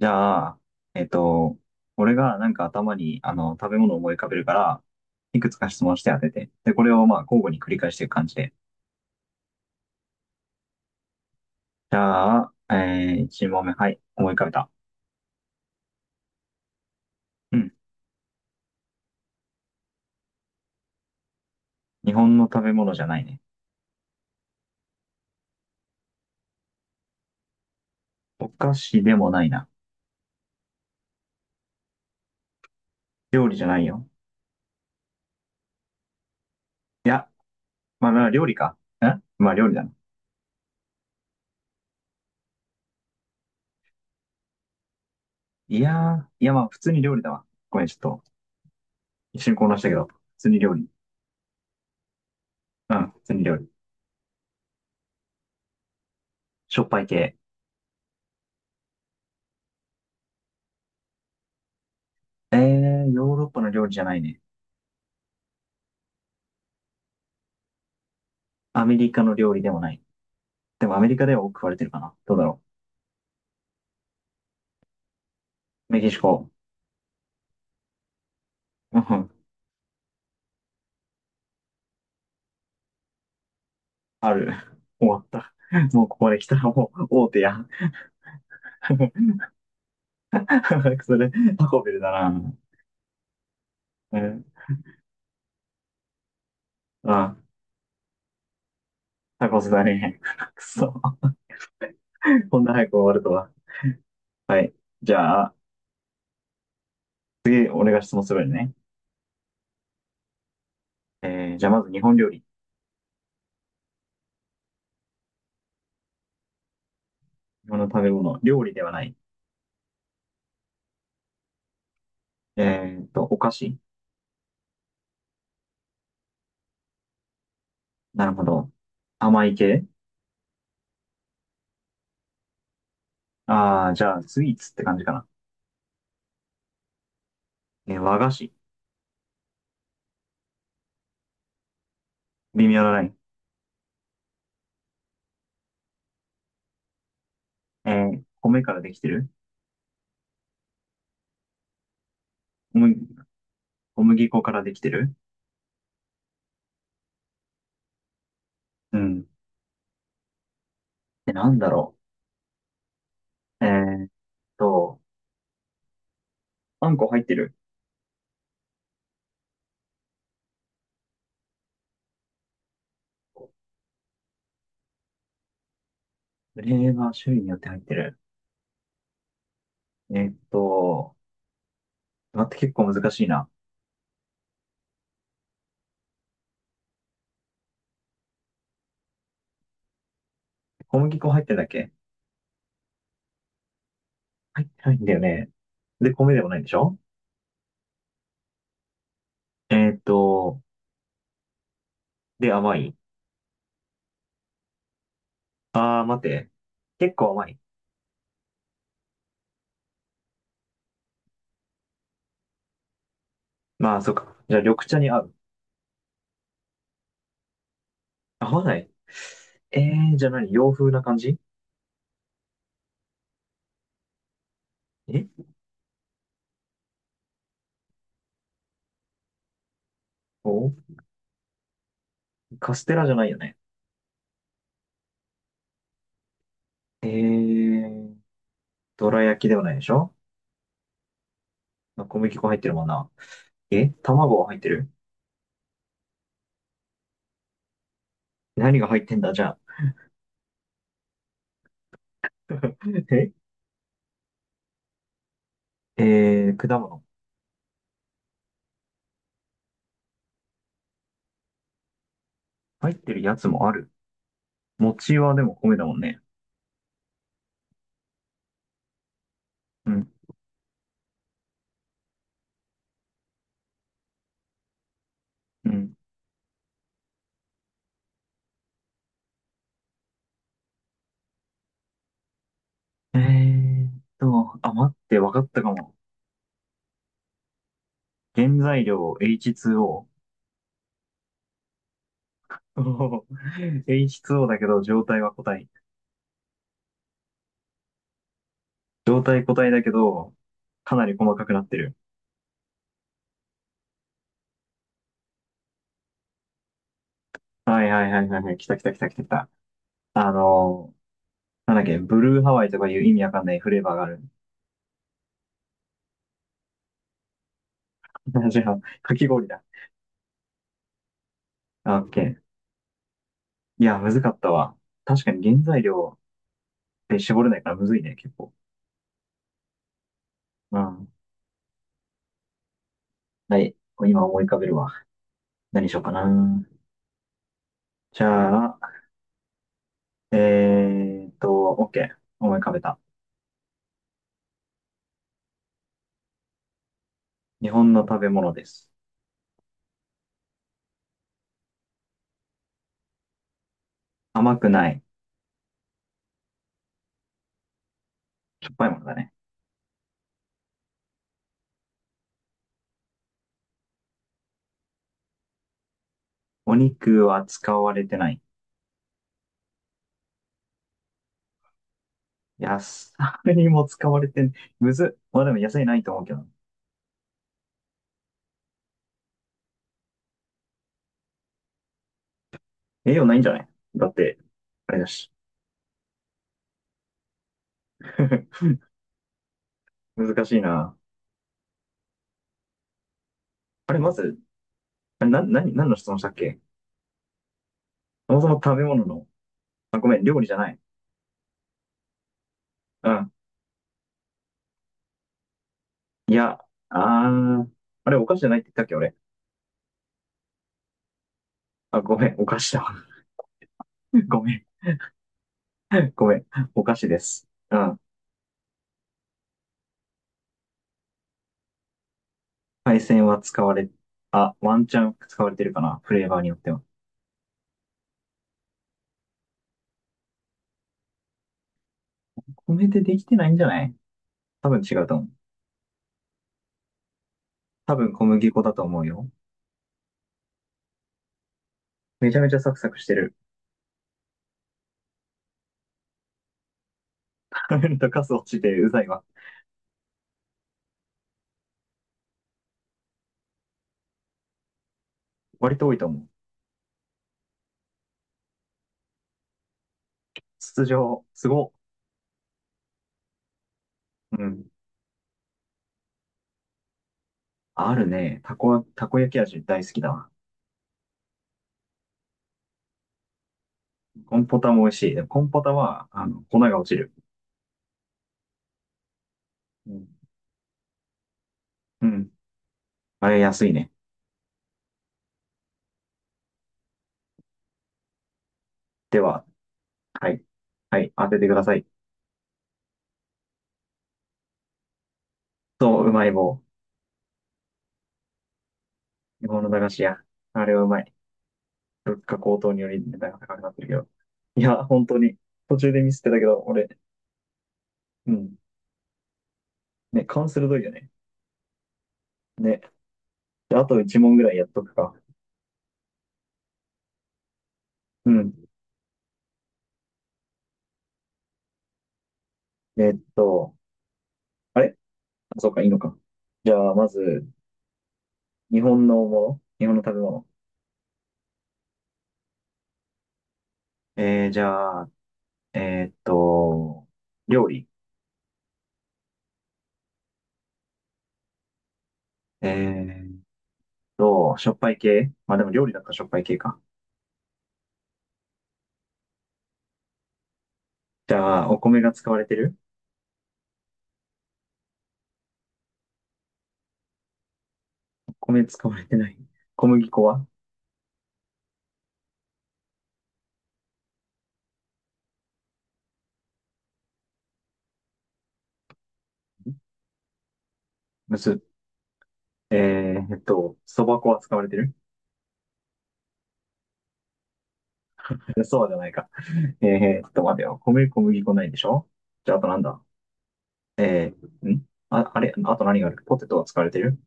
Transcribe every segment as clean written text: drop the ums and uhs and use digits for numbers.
じゃあ、えっと、俺がなんか頭に食べ物を思い浮かべるから、いくつか質問して当てて。で、これを交互に繰り返していく感じで。じゃあ、1問目。はい。思い浮かべた。うん。日本の食べ物じゃないね。お菓子でもないな。料理じゃないよ。いや、まあ料理か。まあ料理だな。いやまあ普通に料理だわ。ごめん、ちょっと一瞬混乱したけど。普通に料理。うん、普通に料理。しょっぱい系。ヨーロッパの料理じゃないね。アメリカの料理でもない。でもアメリカでは多く食われてるかな。どうだろう。メキシコ。うん、ある。終わった。もうここまで来たらもう大手や。それ、タコベルだな。うん。あ、タコスだね。くそ。こんな早く終わるとは。はい。じゃあ、次、俺が質問するよね。じゃあまず日本料理。日本の食べ物。料理ではない。お菓子。なるほど。甘い系。ああー、じゃあ、スイーツって感じかな。和菓子。微妙なライン。え米からできてる？うん、小麦粉からできてる？うん。で、なんだろう。と、あんこ入ってる。フレーバー種類によって入ってる。えーっと、待って結構難しいな。小麦粉入ってるだけ？入ってないんだよね。で、米でもないんでしょ？えーっと、で、甘い。あー、待って。結構甘い。まあ、そっか。じゃあ、緑茶に合う。合わない？えじゃあ何、洋風な感じ？えおカステラじゃないよね。えー、どら焼きではないでしょ？まあ小麦粉入ってるもんな。え、卵は入ってる？何が入ってんだじゃあ。ええー、果物。入ってるやつもある。餅はでも米だもんね。うん、うん。えーっあ、待って、わかったかも。原材料 H2O。おー H2O だけど、状態は個体。状態個体だけど、かなり細かくなってる。はいはいはいはいはい。来た来た来た来た来た。あのなんだっけ、ブルーハワイとかいう意味わかんないフレーバーがある。じゃあ、かき氷だ。あ、オッケー。いや、むずかったわ。確かに原材料で絞れないからむずいね、結構。うん。はい。今思い浮かべるわ。何しようかな。じゃあ、えーっと、OK。思い浮かべた。日本の食べ物です。甘くない。しょっぱいものだね。お肉は使われてない。野菜にも使われてん、むずっ。まあでも野菜ないと思うけど。栄養ないんじゃない？だって、あれだし。難しいな。あれ、まず、あれ、何、質問したっけ？そもそも食べ物の、あ、ごめん、料理じゃない。うん。いや、あー、あれ、お菓子じゃないって言ったっけ、俺。あ、ごめん、お菓子だ。ごめん、ごめん、お菓子です。うん。配線は使われ、あ、ワンチャン使われてるかな、フレーバーによっては。米でできてないんじゃない？多分違うと思う。多分小麦粉だと思うよ。めちゃめちゃサクサクしてる。食べるとカス落ちてうざいわ。割と多いと思う。筒状、すごっ。うん。あるね。たこ焼き味大好きだわ。コンポタも美味しい。でもコンポタは、粉が落ちる。うん。うん。あれ安いね。では、はい。はい、当ててください。そう、うまい棒。日本の駄菓子屋。あれはうまい。物価高騰により値段が高くなってるけど。いや、本当に。途中でミスってたけど、俺。うん。ね、勘鋭いよね。ね。であと1問ぐらいやっとくか。うん。えっと、あれ、あ、そうか、いいのか。じゃあ、まず、日本のもの、日本の食べ物。えー、じゃあ、えーっと、料理。えーっしょっぱい系、まあでも料理だったらしょっぱい系か。じゃあ、お米が使われてる？米使われてない。小麦粉は？むす。えー、そば粉は使われてる？ そうじゃないか。えー、っと、待てよ。米、小麦粉ないでしょ？じゃあ、あとなんだん、あ、あれ、あと何がある？ポテトは使われてる？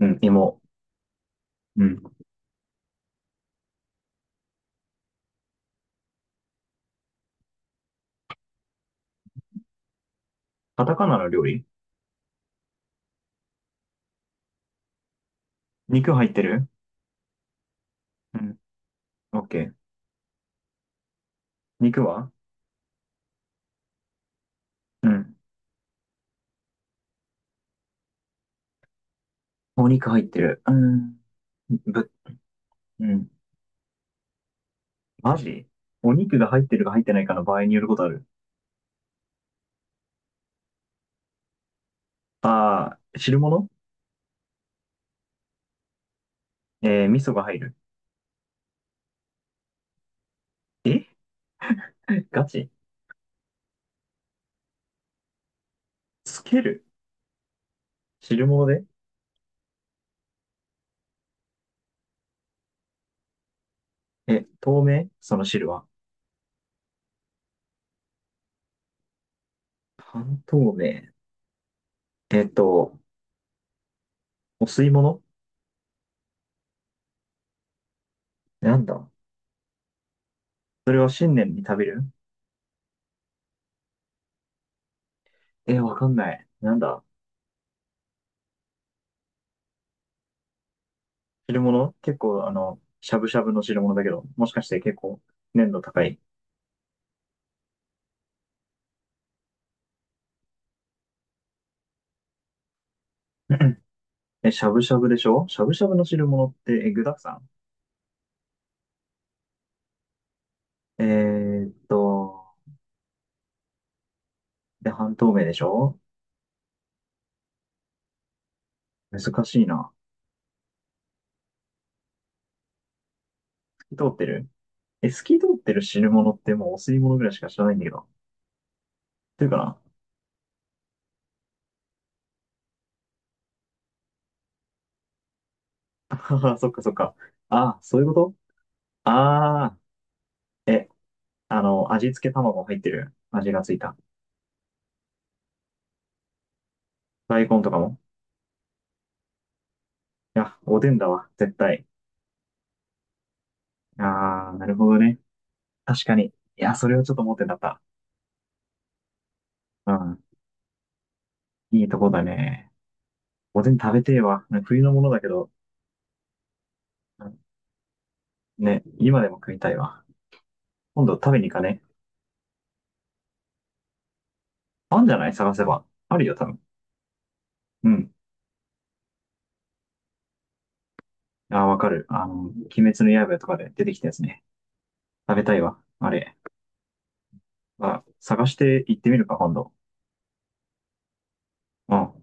うん、芋。うん。カタカナの料理？肉入ってる？うん。オッケー。肉は？うん。お肉入ってる。うん。ぶ、うん。マジお肉が入ってるか入ってないかの場合によることある。ああ、汁物。味噌が入る。えガチつける汁物で？え、透明？その汁は。半透明。えっと、お吸い物？なんだ、それは新年に食べる？え、わかんない。なんだ、汁物結構、しゃぶしゃぶの汁物だけど、もしかして結構、粘度高い。え、しゃぶしゃぶでしょ、しゃぶしゃぶの汁物って、え、具だくさん、ーっと、で、半透明でしょ？難しいな。透き通ってる？え、透き通ってる汁物ってもうお吸い物ぐらいしか知らないんだけど。っていうかな。 はは、そっかそっか。ああ、そういうこと？ああー、味付け卵入ってる、味がついた。大根とかも。いや、おでんだわ、絶対。あー、なるほどね。確かに。いや、それをちょっと思ってなかった。うん。いいとこだね。おでん食べてえわ。なんか冬のものだけど、うん、ね、今でも食いたいわ。今度食べに行かね。あんじゃない、探せば。あるよ、多分。うん。あー、わかる。鬼滅の刃とかで出てきたやつね。食べたいわ。あれ。まあ、探して行ってみるか、今度。うん。